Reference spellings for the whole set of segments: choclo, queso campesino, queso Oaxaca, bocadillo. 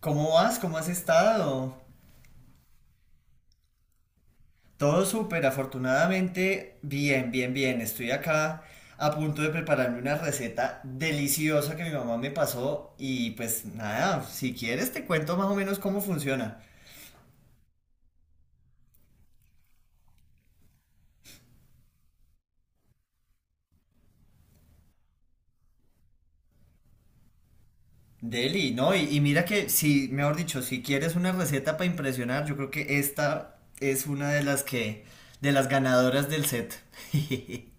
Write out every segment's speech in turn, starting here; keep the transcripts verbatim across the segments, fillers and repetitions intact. ¿Cómo vas? ¿Cómo has estado? Todo súper, afortunadamente. Bien, bien, bien. Estoy acá a punto de prepararme una receta deliciosa que mi mamá me pasó. Y pues nada, si quieres te cuento más o menos cómo funciona. Deli, ¿no? Y, y mira que, si, mejor dicho, si quieres una receta para impresionar, yo creo que esta es una de las que, de las ganadoras del set.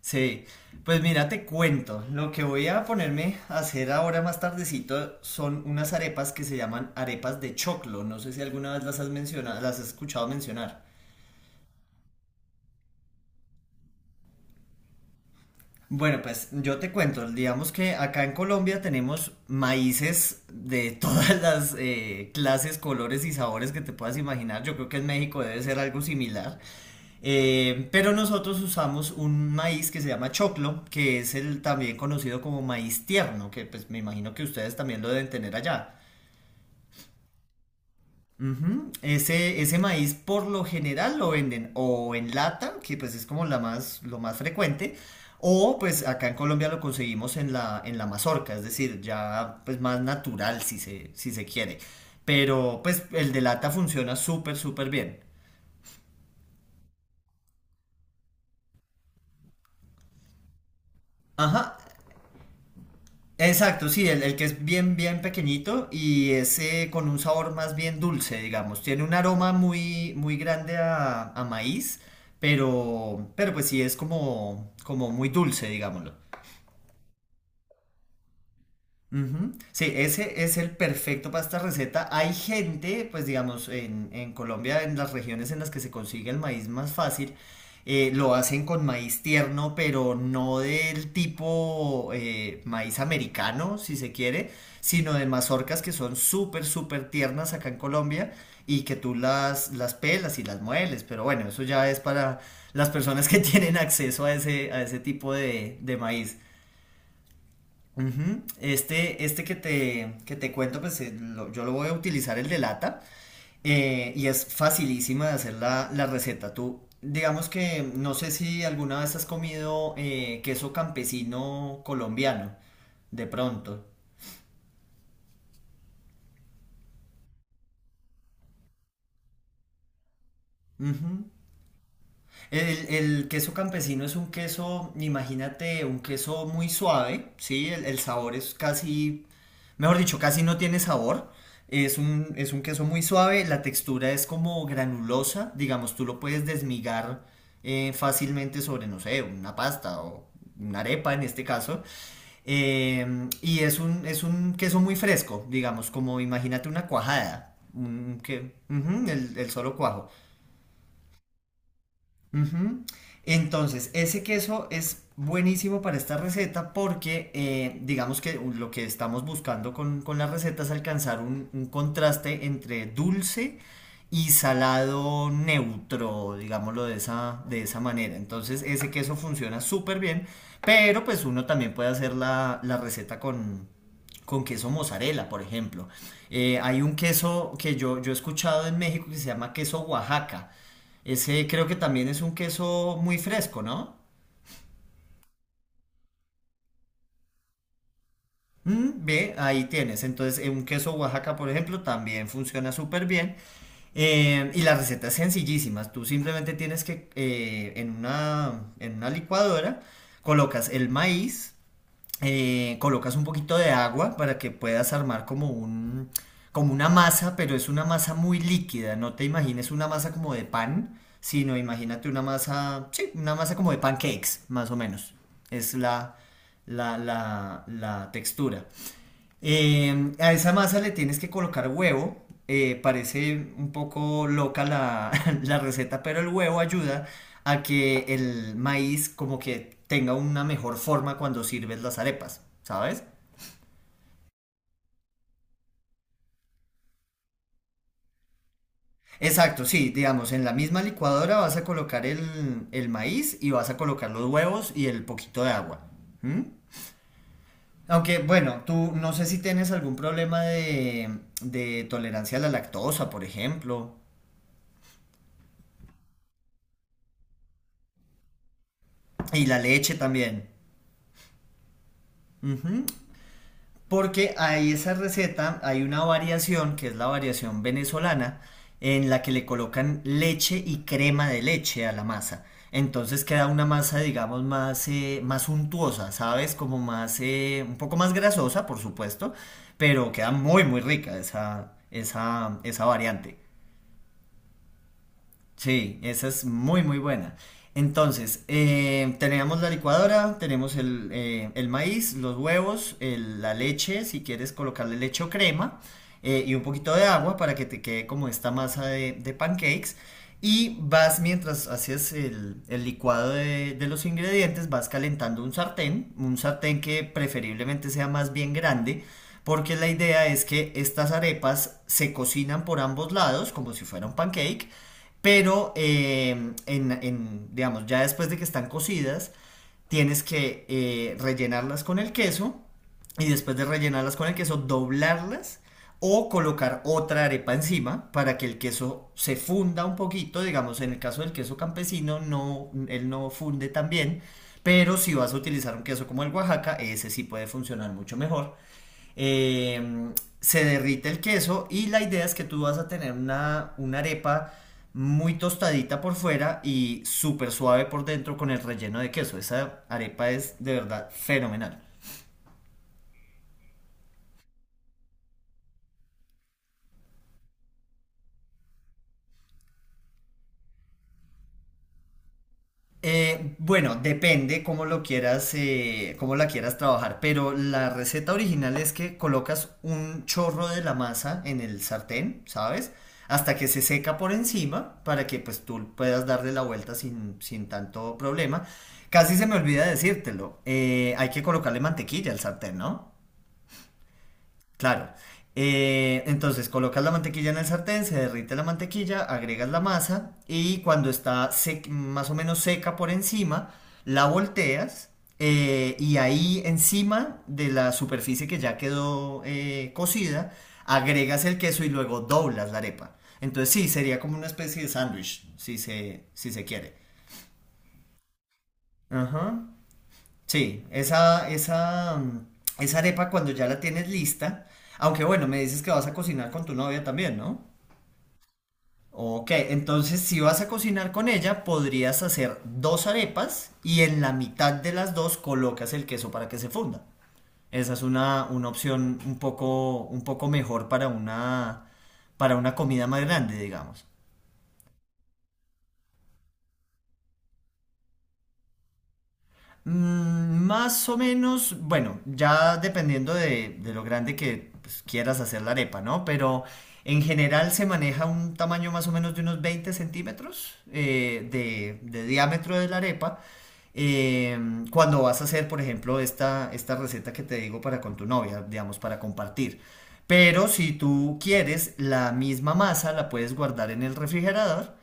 Sí, pues mira, te cuento, lo que voy a ponerme a hacer ahora más tardecito son unas arepas que se llaman arepas de choclo, no sé si alguna vez las has mencionado, las has escuchado mencionar. Bueno, pues yo te cuento, digamos que acá en Colombia tenemos maíces de todas las eh, clases, colores y sabores que te puedas imaginar, yo creo que en México debe ser algo similar. Eh, pero nosotros usamos un maíz que se llama choclo, que es el también conocido como maíz tierno, que pues me imagino que ustedes también lo deben tener allá. Ujú. Ese, ese maíz por lo general lo venden o en lata, que pues es como la más, lo más frecuente, o pues acá en Colombia lo conseguimos en la, en la mazorca, es decir, ya pues más natural si se, si se quiere. Pero pues el de lata funciona súper, súper bien. Ajá, exacto, sí, el, el que es bien, bien pequeñito y es eh, con un sabor más bien dulce, digamos. Tiene un aroma muy, muy grande a, a maíz, pero, pero pues sí es como, como muy dulce, digámoslo. Ujú. Sí, ese es el perfecto para esta receta. Hay gente, pues digamos, en, en Colombia, en las regiones en las que se consigue el maíz más fácil, eh, lo hacen con maíz tierno, pero no del tipo eh, maíz americano, si se quiere, sino de mazorcas que son súper, súper tiernas acá en Colombia y que tú las, las pelas y las mueles. Pero bueno, eso ya es para las personas que tienen acceso a ese, a ese tipo de de maíz. Ujú. Este, este que te, que te cuento, pues eh, lo- yo lo voy a utilizar el de lata eh, y es facilísima de hacer la, la receta. Tú, digamos que no sé si alguna vez has comido eh, queso campesino colombiano, de pronto. Ujú. El, el queso campesino es un queso, imagínate, un queso muy suave, ¿sí? El, el sabor es casi, mejor dicho, casi no tiene sabor. Es un, es un queso muy suave, la textura es como granulosa, digamos, tú lo puedes desmigar eh, fácilmente sobre, no sé, una pasta o una arepa en este caso. Eh, y es un, es un queso muy fresco, digamos, como imagínate una cuajada. Un que, ujú. El, el solo cuajo. Ujú. Entonces, ese queso es buenísimo para esta receta porque eh, digamos que u- lo que estamos buscando con, con la receta es alcanzar un, un contraste entre dulce y salado neutro, digámoslo de esa, de esa manera. Entonces, ese queso funciona súper bien, pero pues uno también puede hacer la, la receta con, con queso mozzarella, por ejemplo. Eh, hay un queso que yo, yo he escuchado en México que se llama queso Oaxaca. Ese creo que también es un queso muy fresco, ¿no? Mm, ve, ahí tienes. Entonces, eh, un queso Oaxaca, por ejemplo, también funciona súper bien. Eh, y la receta es sencillísima. Tú simplemente tienes que eh, en una, en una licuadora colocas el maíz, eh, colocas un poquito de agua para que puedas armar como un, como una masa, pero es una masa muy líquida. No te imagines una masa como de pan, sino imagínate una masa, sí, una masa como de pancakes, más o menos. Es la, la, la, la textura. Eh, a esa masa le tienes que colocar huevo. Eh, parece un poco loca la, la receta, pero el huevo ayuda a que el maíz como que tenga una mejor forma cuando sirves las arepas, ¿sabes? Exacto, sí, digamos, en la misma licuadora vas a colocar el, el maíz y vas a colocar los huevos y el poquito de agua. ¿Mm? Aunque, bueno, tú no sé si tienes algún problema de, de tolerancia a la lactosa, por ejemplo, y la leche también. Ujú. Porque hay esa receta, hay una variación que es la variación venezolana, en la que le colocan leche y crema de leche a la masa. Entonces queda una masa, digamos, más, eh, más untuosa, ¿sabes? Como más, eh, un poco más grasosa, por supuesto, pero queda muy, muy rica esa, esa, esa variante. Sí, esa es muy, muy buena. Entonces, eh, tenemos la licuadora, tenemos el, eh, el maíz, los huevos, el- la leche, si quieres colocarle leche o crema, eh, y un poquito de agua para que te quede como esta masa de, de pancakes. Y vas, mientras haces el, el licuado de, de los ingredientes, vas calentando un sartén, un sartén que preferiblemente sea más bien grande, porque la idea es que estas arepas se cocinan por ambos lados, como si fuera un pancake pero, eh, en, en, digamos, ya después de que están cocidas, tienes que eh, rellenarlas con el queso y después de rellenarlas con el queso, doblarlas o colocar otra arepa encima para que el queso se funda un poquito. Digamos, en el caso del queso campesino, no, él no funde tan bien, pero si vas a utilizar un queso como el Oaxaca, ese sí puede funcionar mucho mejor. eh, Se derrite el queso y la idea es que tú vas a tener una, una arepa muy tostadita por fuera y súper suave por dentro con el relleno de queso. Esa arepa es de verdad fenomenal. Eh, bueno, depende cómo lo quieras, eh, cómo la quieras trabajar, pero la receta original es que colocas un chorro de la masa en el sartén, ¿sabes? Hasta que se seca por encima para que pues tú puedas darle la vuelta sin, sin tanto problema. Casi se me olvida decírtelo, eh, hay que colocarle mantequilla al sartén, ¿no? Claro. Eh, entonces colocas la mantequilla en el sartén, se derrite la mantequilla, agregas la masa y cuando está sec- más o menos seca por encima, la volteas eh, y ahí encima de la superficie que ya quedó eh, cocida, agregas el queso y luego doblas la arepa. Entonces sí, sería como una especie de sándwich, si se, si se quiere. Ajá. Sí, esa, esa, mm, esa arepa cuando ya la tienes lista, aunque bueno, me dices que vas a cocinar con tu novia también, ¿no? Ok, entonces si vas a cocinar con ella, podrías hacer dos arepas y en la mitad de las dos colocas el queso para que se funda. Esa es una, una opción un poco, un poco mejor para una, para una comida más grande, digamos. Mm, Más o menos, bueno, ya dependiendo de, de lo grande que pues, quieras hacer la arepa, ¿no? Pero en general se maneja un tamaño más o menos de unos veinte centímetros eh, de, de diámetro de la arepa. eh, Cuando vas a hacer, por ejemplo, esta, esta receta que te digo para con tu novia, digamos, para compartir. Pero si tú quieres, la misma masa la puedes guardar en el refrigerador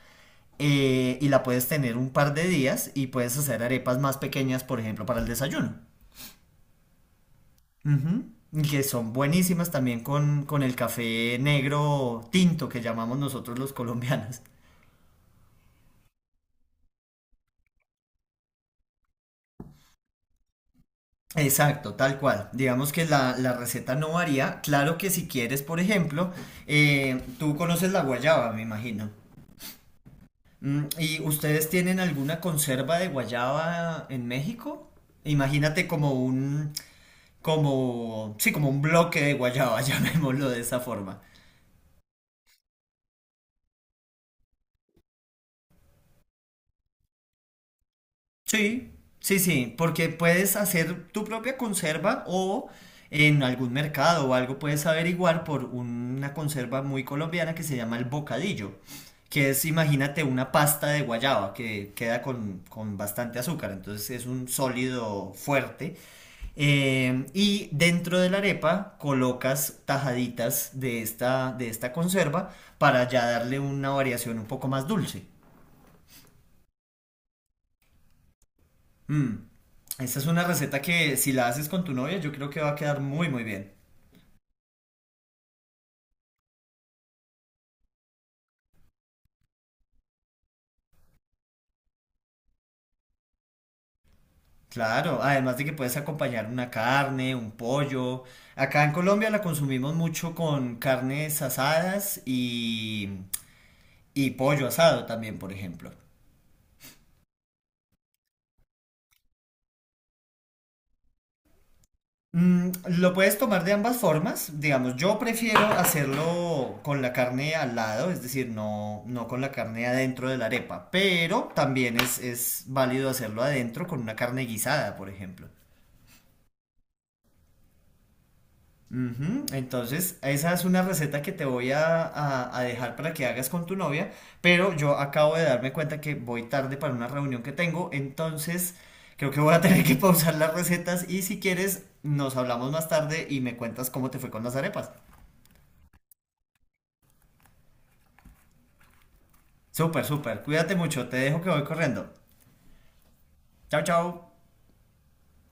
eh, y la puedes tener un par de días y puedes hacer arepas más pequeñas, por ejemplo, para el desayuno. Ujú. Y que son buenísimas también con, con el café negro tinto que llamamos nosotros los colombianos. Exacto, tal cual. Digamos que la, la receta no varía. Claro que si quieres, por ejemplo, eh, tú conoces la guayaba, me imagino. Mm, ¿Y ustedes tienen alguna conserva de guayaba en México? Imagínate como un, como, sí, como un bloque de guayaba, llamémoslo de esa forma. Sí, sí, sí, porque puedes hacer tu propia conserva o en algún mercado o algo puedes averiguar por una conserva muy colombiana que se llama el bocadillo, que es, imagínate, una pasta de guayaba que queda con, con bastante azúcar, entonces es un sólido fuerte. Eh, y dentro de la arepa colocas tajaditas de esta, de esta conserva para ya darle una variación un poco más dulce. Mm, Esta es una receta que si la haces con tu novia yo creo que va a quedar muy muy bien. Claro, además de que puedes acompañar una carne, un pollo. Acá en Colombia la consumimos mucho con carnes asadas y, y pollo asado también, por ejemplo. Mm, lo puedes tomar de ambas formas, digamos, yo prefiero hacerlo con la carne al lado, es decir, no, no con la carne adentro de la arepa, pero también es, es válido hacerlo adentro con una carne guisada, por ejemplo. Ujú. Entonces, esa es una receta que te voy a, a- a dejar para que hagas con tu novia, pero yo acabo de darme cuenta que voy tarde para una reunión que tengo, entonces creo que voy a tener que pausar las recetas y si quieres, nos hablamos más tarde y me cuentas cómo te fue con las arepas. Súper, súper. Cuídate mucho. Te dejo que voy corriendo. Chao, chao.